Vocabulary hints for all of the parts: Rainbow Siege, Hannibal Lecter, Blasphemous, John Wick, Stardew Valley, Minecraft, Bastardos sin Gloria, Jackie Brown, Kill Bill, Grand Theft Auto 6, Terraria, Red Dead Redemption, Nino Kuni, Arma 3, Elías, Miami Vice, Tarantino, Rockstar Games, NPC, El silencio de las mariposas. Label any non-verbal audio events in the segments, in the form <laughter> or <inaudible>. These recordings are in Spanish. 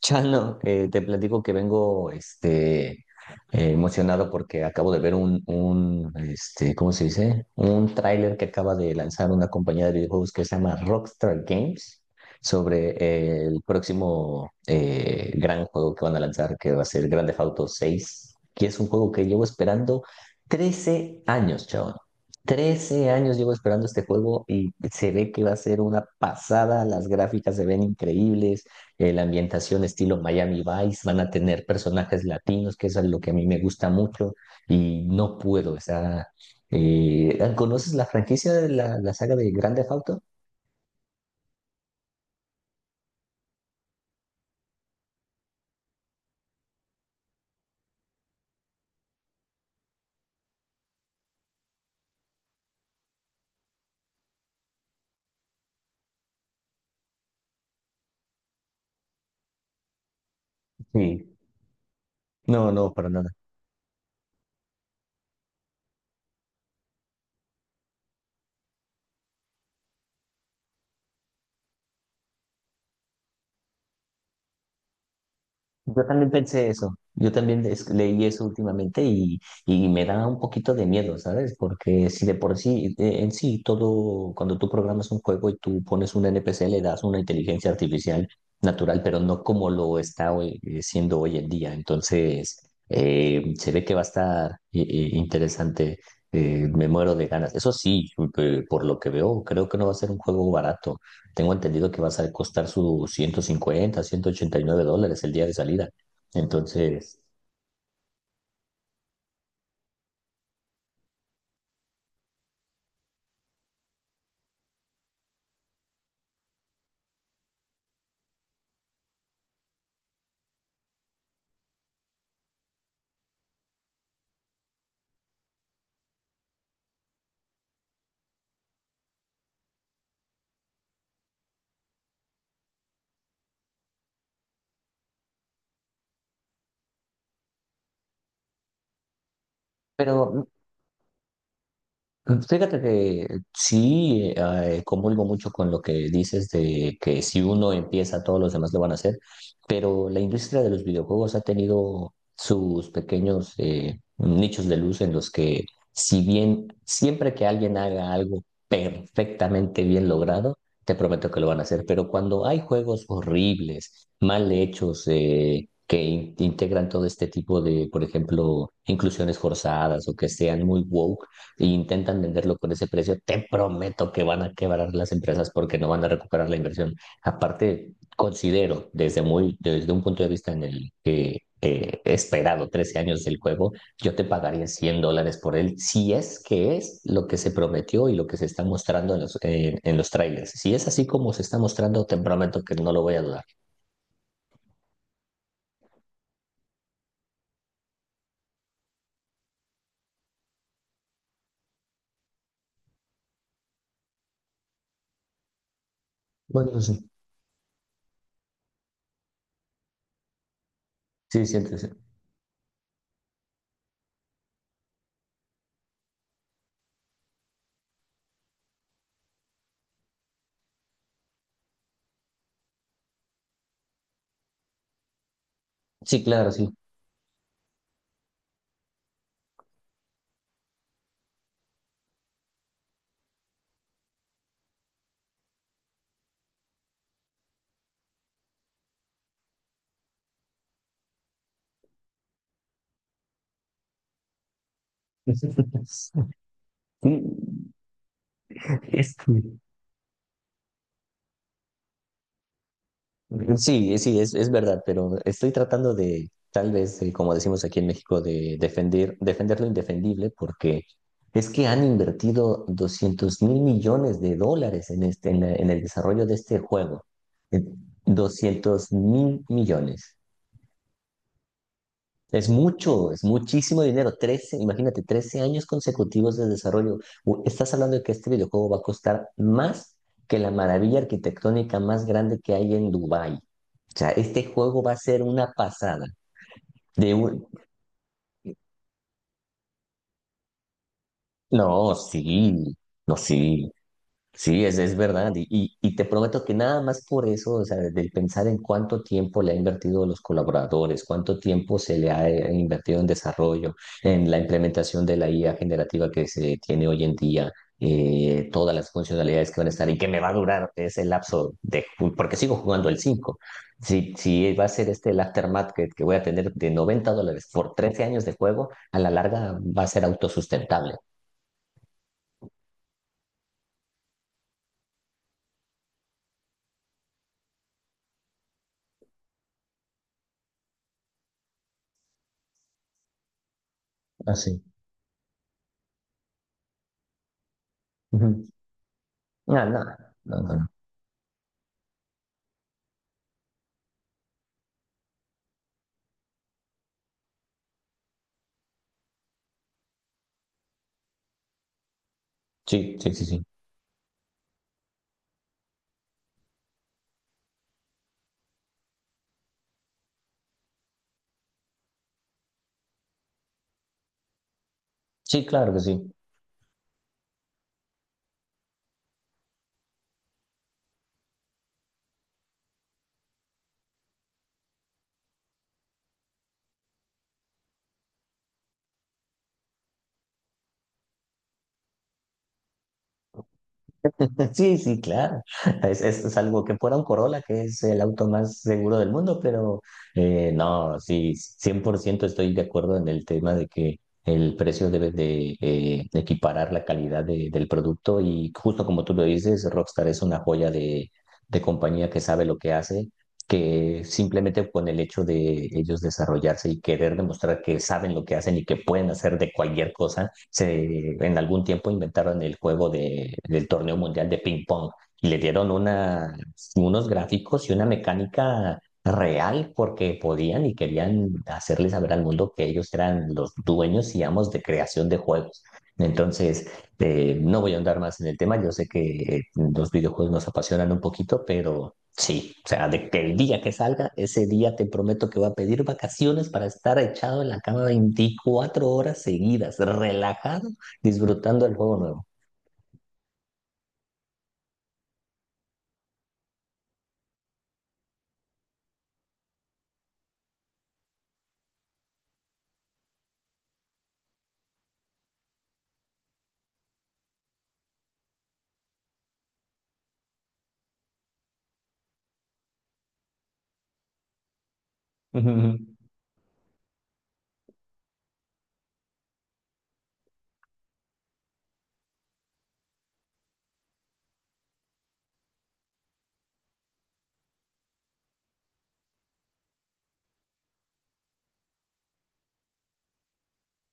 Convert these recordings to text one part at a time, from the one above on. Chano, te platico que vengo emocionado porque acabo de ver un ¿cómo se dice? Un tráiler que acaba de lanzar una compañía de videojuegos que se llama Rockstar Games sobre el próximo gran juego que van a lanzar, que va a ser Grand Theft Auto 6, que es un juego que llevo esperando 13 años, chavo. 13 años llevo esperando este juego y se ve que va a ser una pasada, las gráficas se ven increíbles. La ambientación estilo Miami Vice, van a tener personajes latinos, que eso es lo que a mí me gusta mucho y no puedo, o sea, ¿conoces la franquicia de la saga de Grande Theft Auto? Sí. No, no, para nada. Yo también pensé eso, yo también leí eso últimamente y me da un poquito de miedo, ¿sabes? Porque si de por sí, en sí, todo, cuando tú programas un juego y tú pones un NPC, le das una inteligencia artificial natural, pero no como lo está siendo hoy en día. Entonces, se ve que va a estar interesante, me muero de ganas. Eso sí, por lo que veo, creo que no va a ser un juego barato. Tengo entendido que vas a costar sus 150, 189 dólares el día de salida. Entonces, pero fíjate que sí, comulgo mucho con lo que dices de que si uno empieza, todos los demás lo van a hacer, pero la industria de los videojuegos ha tenido sus pequeños nichos de luz en los que, si bien siempre que alguien haga algo perfectamente bien logrado, te prometo que lo van a hacer, pero cuando hay juegos horribles, mal hechos, que integran todo este tipo de, por ejemplo, inclusiones forzadas o que sean muy wow, si intentan venderlo con ese precio, te prometo que van a quebrar las empresas porque no van a recuperar la inversión. Aparte, considero desde muy, desde un punto de vista en el que he esperado 13 años del juego, yo te pagaría $100 por él si es que es lo que se prometió y lo que se está mostrando en en los trailers. Si es así como se está mostrando, te prometo que no lo voy a dudar. Bueno, sí, sí, siéntese. Sí, claro, sí. <laughs> Sí, es que sí, sí, es verdad, pero estoy tratando de, tal vez, de, como decimos aquí en México, de defender, defender lo indefendible, porque es que han invertido $200 mil millones en, en el desarrollo de este juego. Eh, 200 mil millones. Es mucho, es muchísimo dinero. 13, imagínate, 13 años consecutivos de desarrollo. Estás hablando de que este videojuego va a costar más que la maravilla arquitectónica más grande que hay en Dubái. O sea, este juego va a ser una pasada. De un... No, sí, no, sí. Sí, es verdad. Y y te prometo que nada más por eso, o sea, del pensar en cuánto tiempo le ha invertido a los colaboradores, cuánto tiempo se le ha invertido en desarrollo, en la implementación de la IA generativa que se tiene hoy en día, todas las funcionalidades que van a estar y que me va a durar ese lapso de, porque sigo jugando el cinco. Si si va a ser este el aftermath que voy a tener de $90 por 13 años de juego, a la larga va a ser autosustentable. Así. Ujú. Ah, no, no, no. No. Sí, sí, sí, sí. Sí, claro que sí. <laughs> Sí, sí, claro. Es algo que fuera un Corolla, que es el auto más seguro del mundo, pero no, sí, 100% estoy de acuerdo en el tema de que el precio debe de equiparar la calidad del producto y justo como tú lo dices, Rockstar es una joya de compañía que sabe lo que hace, que simplemente con el hecho de ellos desarrollarse y querer demostrar que saben lo que hacen y que pueden hacer de cualquier cosa se, en algún tiempo inventaron el juego de, del torneo mundial de ping pong y le dieron una, unos gráficos y una mecánica real porque podían y querían hacerle saber al mundo que ellos eran los dueños y amos de creación de juegos. Entonces, no voy a andar más en el tema, yo sé que los videojuegos nos apasionan un poquito, pero sí, o sea, de que el día que salga, ese día te prometo que voy a pedir vacaciones para estar echado en la cama 24 horas seguidas, relajado, disfrutando del juego nuevo. <laughs>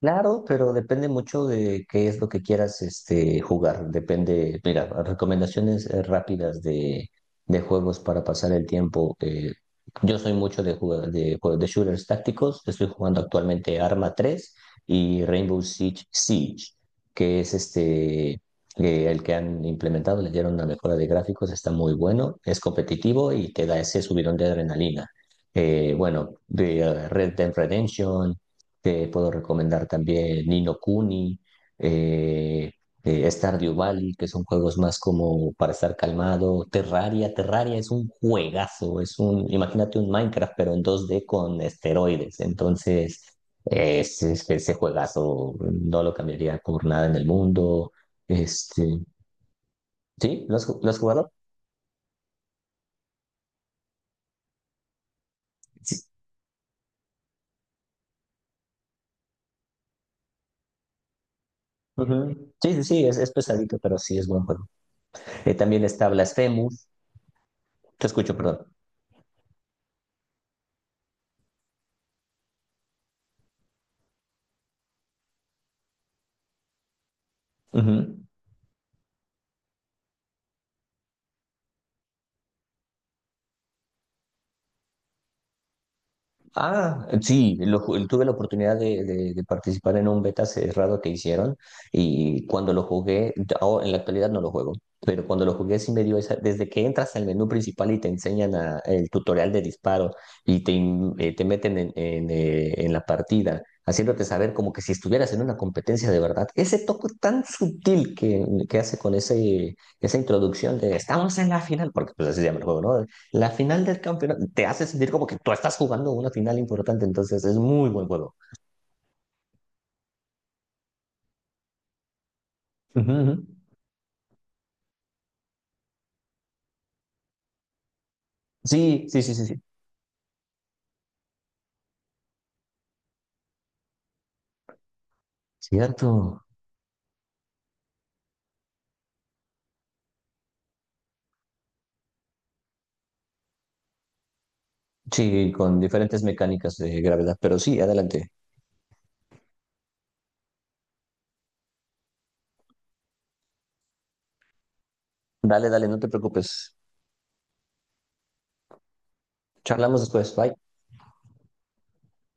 Claro, pero depende mucho de qué es lo que quieras este, jugar. Depende, mira, recomendaciones rápidas de juegos para pasar el tiempo. Yo soy mucho de, jugar, de shooters tácticos. Estoy jugando actualmente Arma 3 y Rainbow Siege, que es este, el que han implementado. Le dieron una mejora de gráficos, está muy bueno, es competitivo y te da ese subidón de adrenalina. Bueno, de Red Dead Redemption. Te puedo recomendar también Nino Kuni, eh, Stardew Valley, que son juegos más como para estar calmado. Terraria, Terraria es un juegazo, es un, imagínate un Minecraft, pero en 2D con esteroides. Entonces, ese, ese juegazo no lo cambiaría por nada en el mundo. Este, ¿sí? ¿Lo has, lo has jugado? Sí. Ujú. Sí, sí, sí, es pesadito, pero sí es buen juego. También está Blasphemous. Te escucho, perdón. Ujú. Ah, sí, tuve la oportunidad de, de participar en un beta cerrado que hicieron y cuando lo jugué, ahora en la actualidad no lo juego, pero cuando lo jugué sí me dio esa, desde que entras al menú principal y te enseñan el tutorial de disparo y te, te meten en, en la partida, haciéndote saber como que si estuvieras en una competencia de verdad, ese toque tan sutil que hace con ese, esa introducción de estamos en la final, porque pues así se llama el juego, ¿no? La final del campeonato te hace sentir como que tú estás jugando una final importante, entonces es muy buen juego. Ujú, ujú. Sí, sí, sí, sí, sí. Cierto. Sí, con diferentes mecánicas de gravedad, pero sí, adelante. Dale, dale, no te preocupes. Charlamos después. Bye.